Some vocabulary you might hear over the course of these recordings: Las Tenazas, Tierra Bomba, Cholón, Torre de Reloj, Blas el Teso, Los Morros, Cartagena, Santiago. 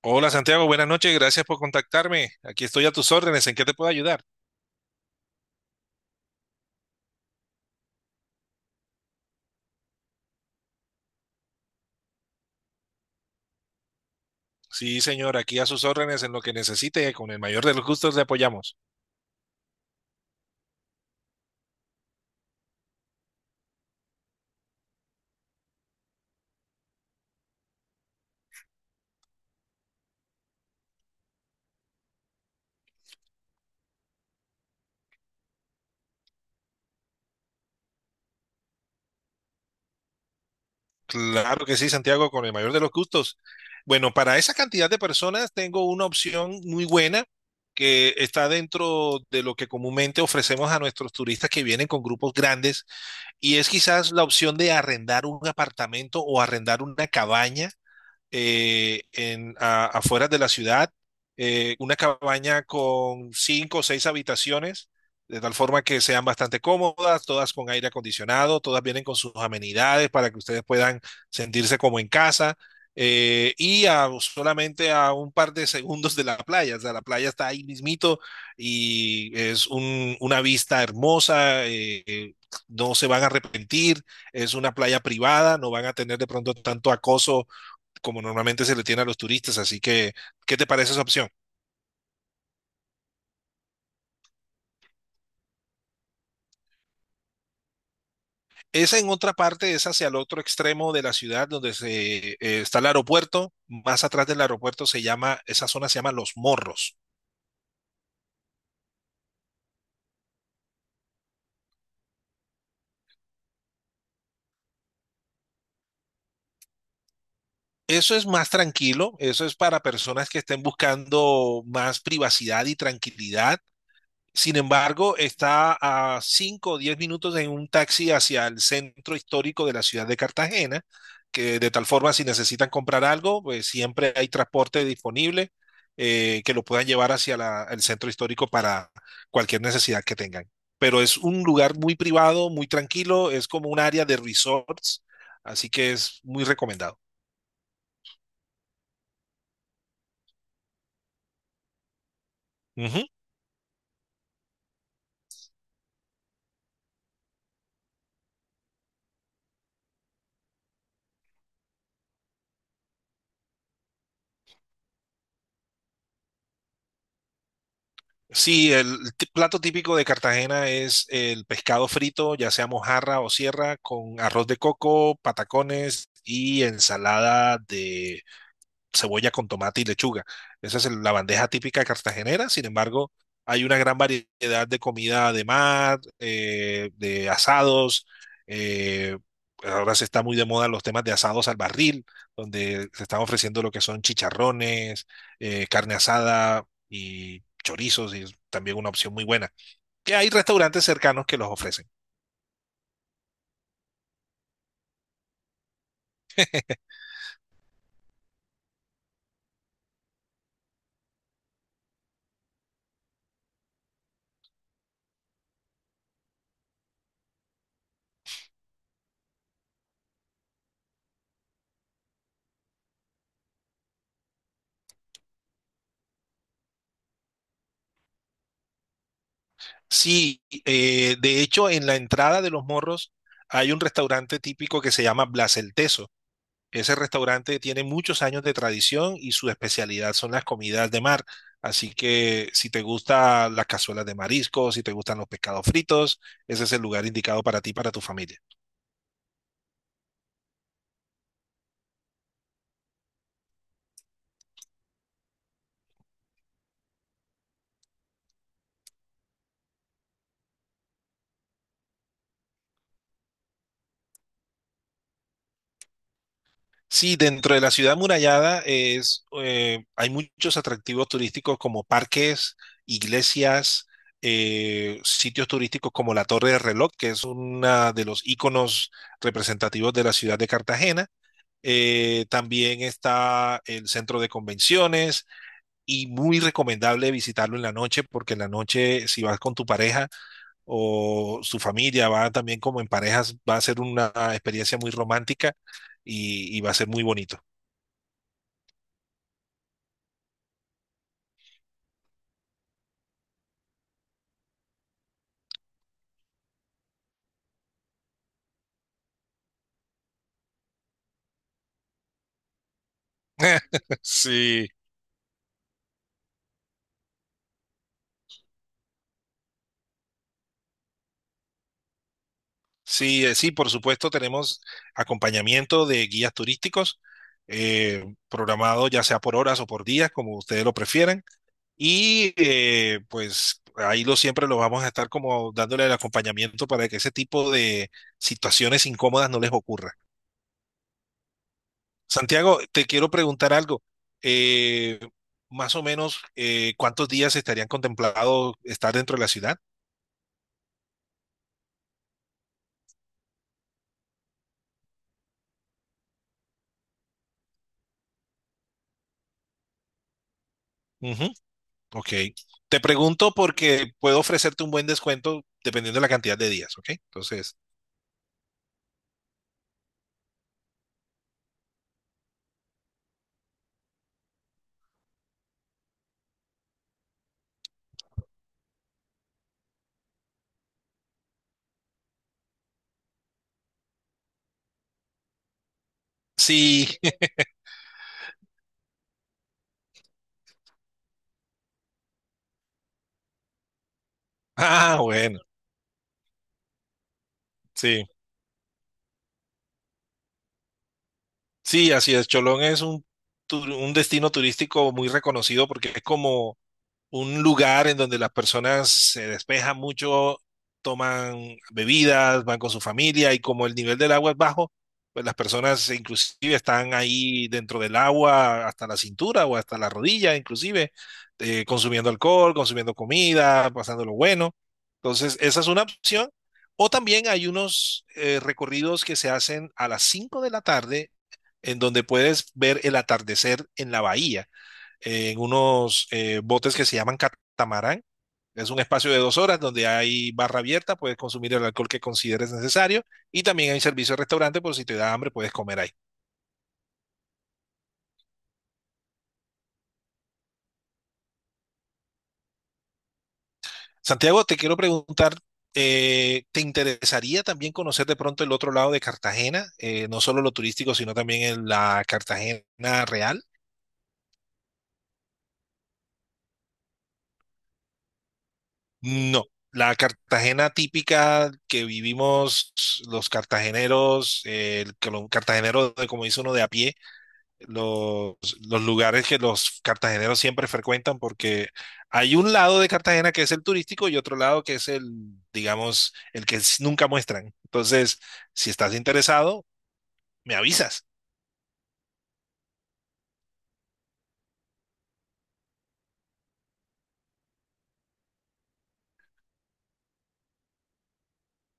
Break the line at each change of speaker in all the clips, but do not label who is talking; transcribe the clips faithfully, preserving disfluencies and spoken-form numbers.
Hola Santiago, buenas noches, gracias por contactarme. Aquí estoy a tus órdenes, ¿en qué te puedo ayudar? Sí, señor, aquí a sus órdenes en lo que necesite, con el mayor de los gustos le apoyamos. Claro que sí, Santiago, con el mayor de los gustos. Bueno, para esa cantidad de personas tengo una opción muy buena que está dentro de lo que comúnmente ofrecemos a nuestros turistas que vienen con grupos grandes y es quizás la opción de arrendar un apartamento o arrendar una cabaña eh, en, a- afuera de la ciudad, eh, una cabaña con cinco o seis habitaciones, de tal forma que sean bastante cómodas, todas con aire acondicionado, todas vienen con sus amenidades para que ustedes puedan sentirse como en casa. Eh, y a- solamente a un par de segundos de la playa, o sea, la playa está ahí mismito y es un- una vista hermosa. Eh, eh, no se van a arrepentir, es una playa privada, no van a tener de pronto tanto acoso como normalmente se le tiene a los turistas. Así que, ¿qué te parece esa opción? Esa en otra parte es hacia el otro extremo de la ciudad donde se, eh, está el aeropuerto. Más atrás del aeropuerto se llama, esa zona se llama Los Morros. Eso es más tranquilo, eso es para personas que estén buscando más privacidad y tranquilidad. Sin embargo, está a cinco o diez minutos en un taxi hacia el centro histórico de la ciudad de Cartagena, que de tal forma si necesitan comprar algo, pues siempre hay transporte disponible, eh, que lo puedan llevar hacia la- el centro histórico para cualquier necesidad que tengan. Pero es un lugar muy privado, muy tranquilo, es como un área de resorts, así que es muy recomendado. Sí, el t- plato típico de Cartagena es el pescado frito, ya sea mojarra o sierra, con arroz de coco, patacones y ensalada, cebolla con tomate y lechuga. Esa es el- la bandeja típica cartagenera. Sin embargo, hay una gran variedad de comida de mar, eh, de asados. eh, Ahora se está muy de moda los temas de asados al barril, donde se están ofreciendo lo que son chicharrones, eh, carne asada y chorizos, y es también una opción muy buena, que hay restaurantes cercanos que los ofrecen. Sí, eh, de hecho, en la entrada de Los Morros hay un restaurante típico que se llama Blas el Teso. Ese restaurante tiene muchos años de tradición y su especialidad son las comidas de mar. Así que si te gustan las cazuelas de mariscos, si te gustan los pescados fritos, ese es el lugar indicado para ti, y para tu familia. Sí, dentro de la ciudad murallada es, eh, hay muchos atractivos turísticos como parques, iglesias, eh, sitios turísticos como la Torre de Reloj, que es uno de los íconos representativos de la ciudad de Cartagena. Eh, también está el centro de convenciones y muy recomendable visitarlo en la noche, porque en la noche si vas con tu pareja o su familia, va también como en parejas, va a ser una experiencia muy romántica, y, y va a ser muy bonito. Sí, sí, eh, sí, por supuesto tenemos acompañamiento de guías turísticos, eh, programado ya sea por horas o por días, como ustedes lo prefieran. Y eh, pues ahí lo siempre lo vamos a estar como dándole el acompañamiento para que ese tipo de situaciones incómodas no les ocurra. Santiago, te quiero preguntar algo. Eh, Más o menos, eh, ¿cuántos días estarían contemplados estar dentro de la ciudad? Ujú, ok. Te pregunto porque puedo ofrecerte un buen descuento dependiendo de la cantidad de días, ¿ok? Entonces, sí. Ah, bueno, sí. Sí, así es. Cholón es un, tur- un destino turístico muy reconocido porque es como un lugar en donde las personas se despejan mucho, toman bebidas, van con su familia y como el nivel del agua es bajo, pues las personas inclusive están ahí dentro del agua hasta la cintura o hasta la rodilla, inclusive eh, consumiendo alcohol, consumiendo comida, pasando lo bueno. Entonces, esa es una opción. O también hay unos eh, recorridos que se hacen a las cinco de la tarde, en donde puedes ver el atardecer en la bahía, eh, en unos eh, botes que se llaman catamarán. Es un espacio de dos horas donde hay barra abierta, puedes consumir el alcohol que consideres necesario, y también hay servicio de restaurante por si te da hambre, puedes comer ahí. Santiago, te quiero preguntar, eh, ¿te interesaría también conocer de pronto el otro lado de Cartagena? Eh, no solo lo turístico, sino también en la Cartagena real. No, la Cartagena típica que vivimos los cartageneros, eh, el que los cartageneros, de- como dice uno de a pie, los, los lugares que los cartageneros siempre frecuentan, porque hay un lado de Cartagena que es el turístico y otro lado que es el, digamos, el que s- nunca muestran. Entonces, si estás interesado, me avisas.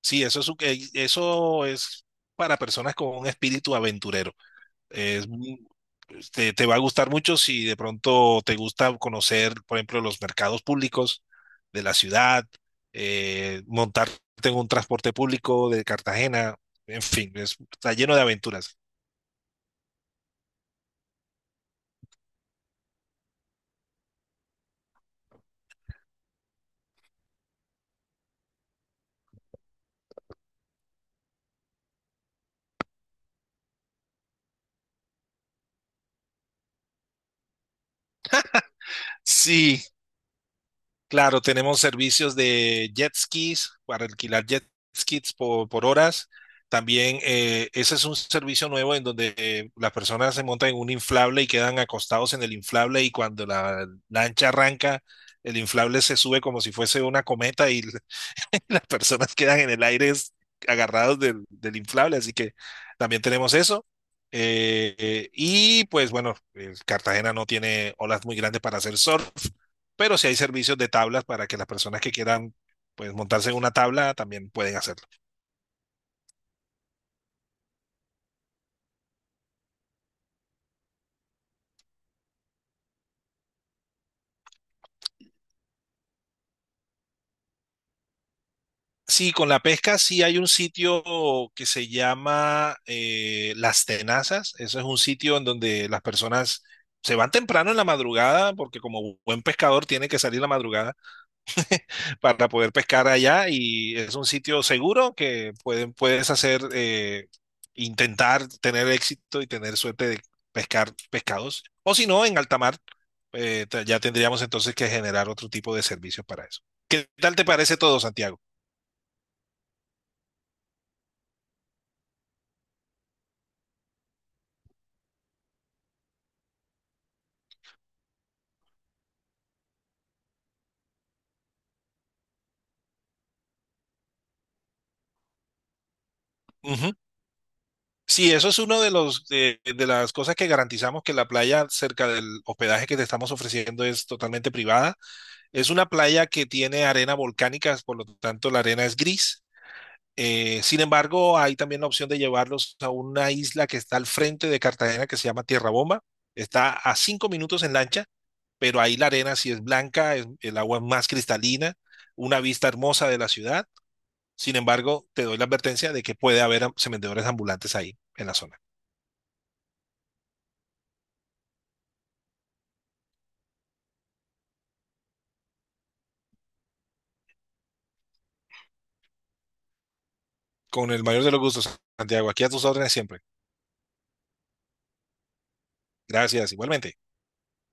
Sí, eso es, un- eh, eso es para personas con un espíritu aventurero. Es muy- te, te va a gustar mucho si de pronto te gusta conocer, por ejemplo, los mercados públicos de la ciudad, eh, montarte en un transporte público de Cartagena, en fin, es- está lleno de aventuras. Sí, claro, tenemos servicios de jet skis para alquilar jet skis por, por, horas. También eh, ese es un servicio nuevo en donde eh, las personas se montan en un inflable y quedan acostados en el inflable, y cuando la lancha arranca, el inflable se sube como si fuese una cometa, y las personas quedan en el aire, es- agarrados del, del inflable. Así que también tenemos eso. Eh, eh, y pues bueno, eh, Cartagena no tiene olas muy grandes para hacer surf, pero sí hay servicios de tablas para que las personas que quieran pues montarse en una tabla también pueden hacerlo. Sí, con la pesca sí hay un sitio que se llama eh, Las Tenazas. Eso es un sitio en donde las personas se van temprano en la madrugada porque como buen pescador tiene que salir la madrugada para poder pescar allá, y es un sitio seguro que pueden, puedes hacer, eh, intentar tener éxito y tener suerte de pescar pescados. O si no, en alta mar, eh, te- ya tendríamos entonces que generar otro tipo de servicios para eso. ¿Qué tal te parece todo, Santiago? Uh -huh. Sí, eso es uno de, los, de, de las cosas que garantizamos, que la playa cerca del hospedaje que te estamos ofreciendo es totalmente privada. Es una playa que tiene arena volcánica, por lo tanto la arena es gris. Eh, sin embargo, hay también la opción de llevarlos a una isla que está al frente de Cartagena que se llama Tierra Bomba. Está a cinco minutos en lancha, pero ahí la arena sí es blanca, es- el agua es más cristalina, una vista hermosa de la ciudad. Sin embargo, te doy la advertencia de que puede haber am- vendedores ambulantes ahí en la zona. Con el mayor de los gustos, Santiago, aquí a tus órdenes siempre. Gracias, igualmente.